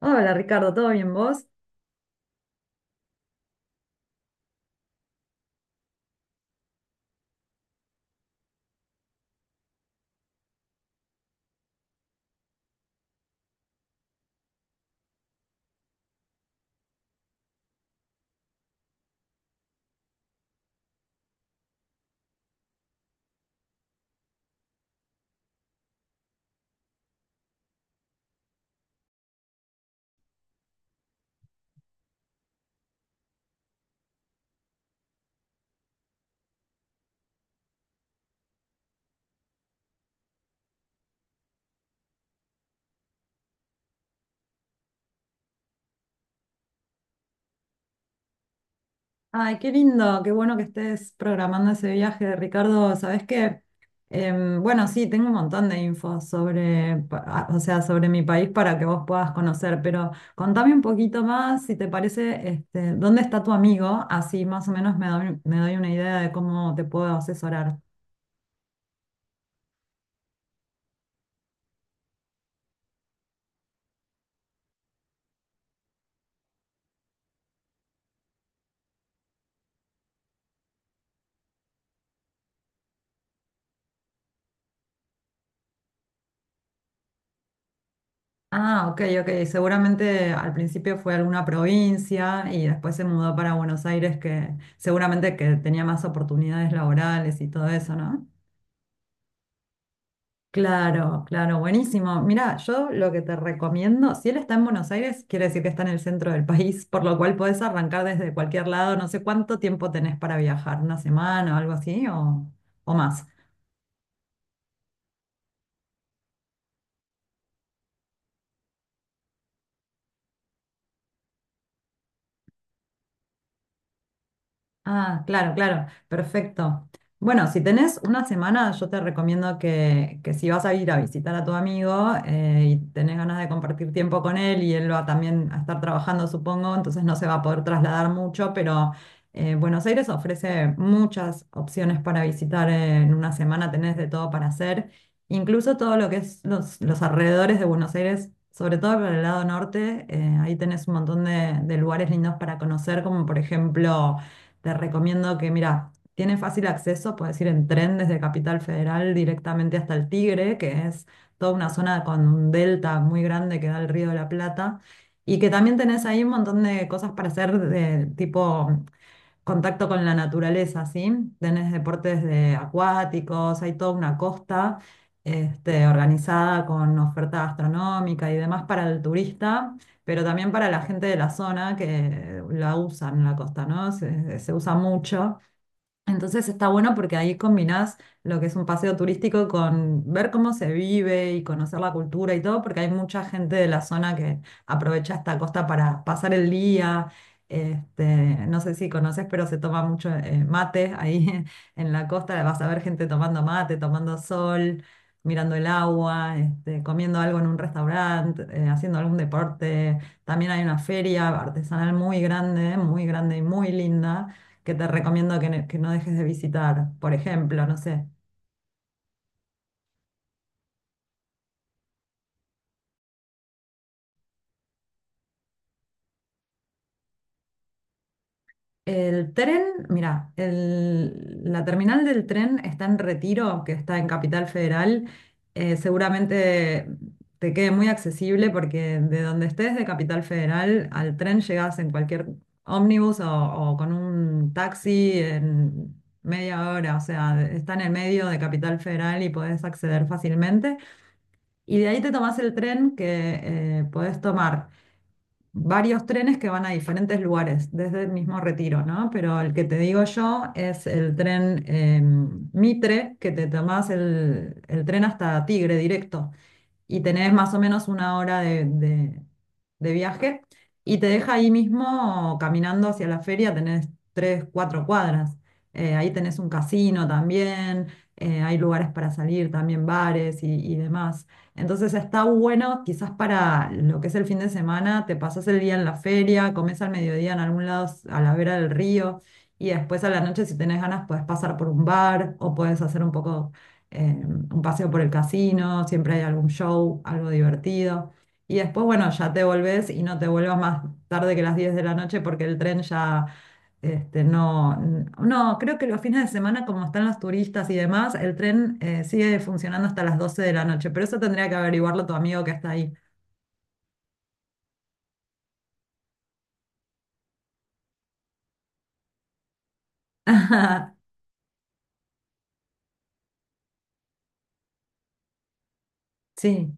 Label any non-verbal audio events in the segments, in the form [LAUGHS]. Hola Ricardo, ¿todo bien vos? Ay, qué lindo, qué bueno que estés programando ese viaje, Ricardo. ¿Sabés qué? Bueno, sí, tengo un montón de info sobre, o sea, sobre mi país para que vos puedas conocer, pero contame un poquito más, si te parece, este, ¿dónde está tu amigo? Así más o menos me doy una idea de cómo te puedo asesorar. Ah, ok, ok. Seguramente al principio fue alguna provincia y después se mudó para Buenos Aires, que seguramente que tenía más oportunidades laborales y todo eso, ¿no? Claro, claro, buenísimo. Mira, yo lo que te recomiendo, si él está en Buenos Aires, quiere decir que está en el centro del país, por lo cual podés arrancar desde cualquier lado. No sé cuánto tiempo tenés para viajar, una semana o algo así, o más. Ah, claro, claro, perfecto. Bueno, si tenés una semana, yo te recomiendo que si vas a ir a visitar a tu amigo, y tenés ganas de compartir tiempo con él y él va también a estar trabajando, supongo, entonces no se va a poder trasladar mucho, pero Buenos Aires ofrece muchas opciones para visitar en una semana, tenés de todo para hacer, incluso todo lo que es los alrededores de Buenos Aires. Sobre todo por el lado norte, ahí tenés un montón de lugares lindos para conocer, como por ejemplo te recomiendo que, mira, tiene fácil acceso, puedes ir en tren desde Capital Federal directamente hasta el Tigre, que es toda una zona con un delta muy grande que da el Río de la Plata. Y que también tenés ahí un montón de cosas para hacer de tipo contacto con la naturaleza, ¿sí? Tenés deportes de acuáticos, hay toda una costa, este, organizada con oferta gastronómica y demás para el turista, pero también para la gente de la zona que la usan la costa, ¿no? Se usa mucho. Entonces está bueno porque ahí combinás lo que es un paseo turístico con ver cómo se vive y conocer la cultura y todo, porque hay mucha gente de la zona que aprovecha esta costa para pasar el día. Este, no sé si conoces, pero se toma mucho, mate ahí [LAUGHS] en la costa. Vas a ver gente tomando mate, tomando sol, mirando el agua, este, comiendo algo en un restaurante, haciendo algún deporte. También hay una feria artesanal muy grande y muy linda que te recomiendo que no dejes de visitar. Por ejemplo, no sé, el tren, mira, la terminal del tren está en Retiro, que está en Capital Federal. Seguramente te quede muy accesible porque de donde estés de Capital Federal al tren llegas en cualquier ómnibus o con un taxi en media hora. O sea, está en el medio de Capital Federal y podés acceder fácilmente. Y de ahí te tomás el tren que, podés tomar, varios trenes que van a diferentes lugares, desde el mismo Retiro, ¿no? Pero el que te digo yo es el tren, Mitre, que te tomás el tren hasta Tigre directo y tenés más o menos una hora de viaje y te deja ahí mismo caminando hacia la feria, tenés 3, 4 cuadras. Ahí tenés un casino también, hay lugares para salir también, bares y demás. Entonces está bueno, quizás para lo que es el fin de semana, te pasas el día en la feria, comes al mediodía en algún lado a la vera del río. Y después a la noche, si tenés ganas, podés pasar por un bar o podés hacer un poco, un paseo por el casino, siempre hay algún show, algo divertido. Y después, bueno, ya te volvés y no te vuelvas más tarde que las 10 de la noche porque el tren ya, este, no, creo que los fines de semana, como están los turistas y demás, el tren, sigue funcionando hasta las 12 de la noche, pero eso tendría que averiguarlo tu amigo que está ahí. [LAUGHS] Sí.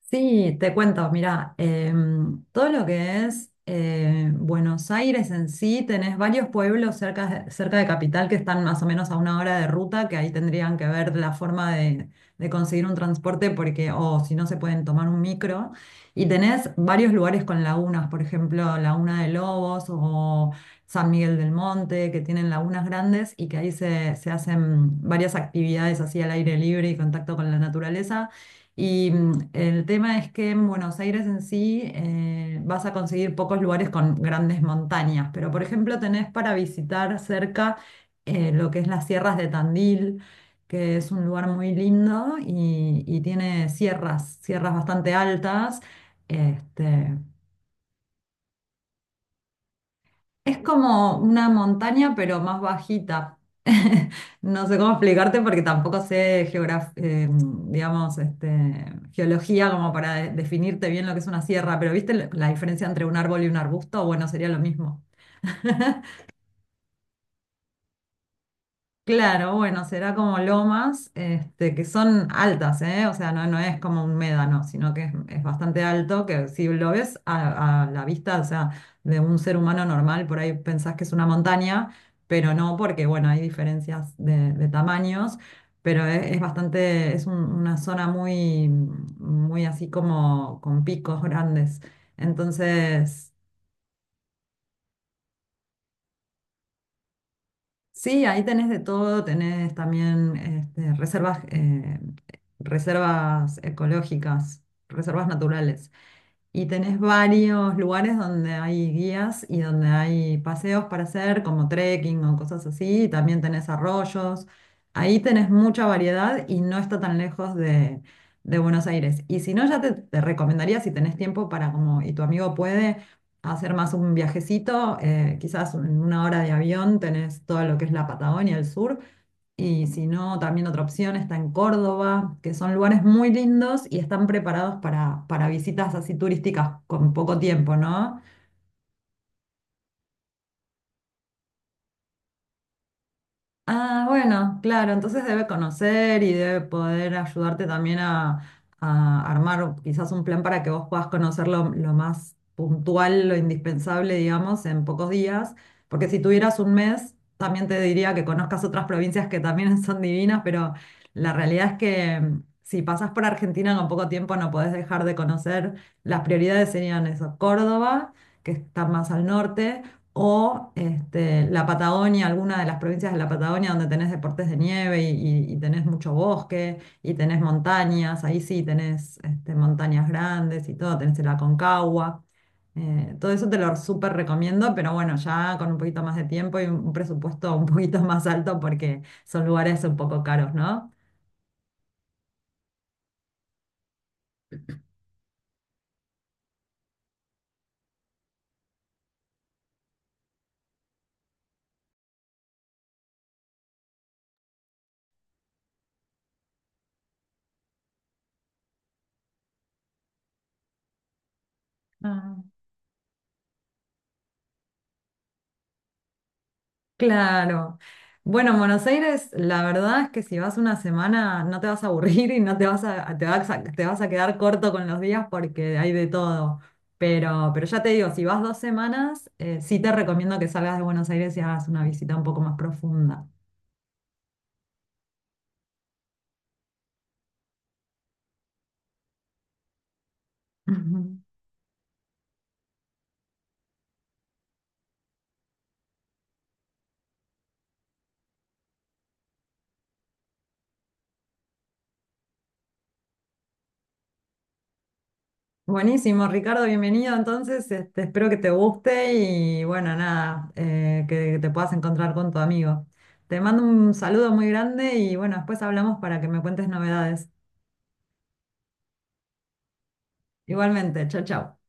Sí, te cuento, mira, todo lo que es, Buenos Aires en sí, tenés varios pueblos cerca, cerca de Capital que están más o menos a una hora de ruta, que ahí tendrían que ver la forma de conseguir un transporte, porque, o si no, se pueden tomar un micro. Y tenés varios lugares con lagunas, por ejemplo, Laguna de Lobos o San Miguel del Monte, que tienen lagunas grandes y que ahí se hacen varias actividades así al aire libre y contacto con la naturaleza. Y el tema es que en Buenos Aires en sí, vas a conseguir pocos lugares con grandes montañas, pero por ejemplo tenés para visitar cerca, lo que es las sierras de Tandil, que es un lugar muy lindo y tiene sierras, sierras bastante altas. Este, es como una montaña, pero más bajita. [LAUGHS] No sé cómo explicarte porque tampoco sé digamos, este, geología como para definirte bien lo que es una sierra, pero ¿viste la diferencia entre un árbol y un arbusto? Bueno, sería lo mismo. [LAUGHS] Claro, bueno, será como lomas, este, que son altas, ¿eh? O sea, no, no es como un médano, sino que es bastante alto, que si lo ves a la vista, o sea, de un ser humano normal, por ahí pensás que es una montaña, pero no, porque, bueno, hay diferencias de tamaños, pero es bastante, una zona muy, muy así como con picos grandes. Entonces. Sí, ahí tenés de todo, tenés también, este, reservas, reservas ecológicas, reservas naturales. Y tenés varios lugares donde hay guías y donde hay paseos para hacer, como trekking o cosas así. Y también tenés arroyos. Ahí tenés mucha variedad y no está tan lejos de Buenos Aires. Y si no, ya te recomendaría, si tenés tiempo para, como, y tu amigo puede, hacer más un viajecito, quizás en una hora de avión tenés todo lo que es la Patagonia, el sur. Y si no, también otra opción está en Córdoba, que son lugares muy lindos y están preparados para visitas así turísticas con poco tiempo, ¿no? Ah, bueno, claro, entonces debe conocer y debe poder ayudarte también a armar quizás un plan para que vos puedas conocer lo más puntual, lo indispensable, digamos, en pocos días, porque si tuvieras un mes, también te diría que conozcas otras provincias que también [LAUGHS] son divinas, pero la realidad es que si pasás por Argentina con poco tiempo no podés dejar de conocer, las prioridades serían eso, Córdoba, que está más al norte o, este, la Patagonia, alguna de las provincias de la Patagonia donde tenés deportes de nieve y tenés mucho bosque y tenés montañas, ahí sí tenés, este, montañas grandes y todo, tenés el Aconcagua. Todo eso te lo súper recomiendo, pero bueno, ya con un poquito más de tiempo y un presupuesto un poquito [LAUGHS] más alto porque son lugares un poco caros, ¿no? Claro. Bueno, en Buenos Aires, la verdad es que si vas una semana no te vas a aburrir y no te vas a quedar corto con los días porque hay de todo. Pero ya te digo, si vas 2 semanas, sí te recomiendo que salgas de Buenos Aires y hagas una visita un poco más profunda. Ujú. Buenísimo, Ricardo, bienvenido. Entonces, este, espero que te guste y bueno, nada, que te puedas encontrar con tu amigo. Te mando un saludo muy grande y bueno, después hablamos para que me cuentes novedades. Igualmente, chao, chao.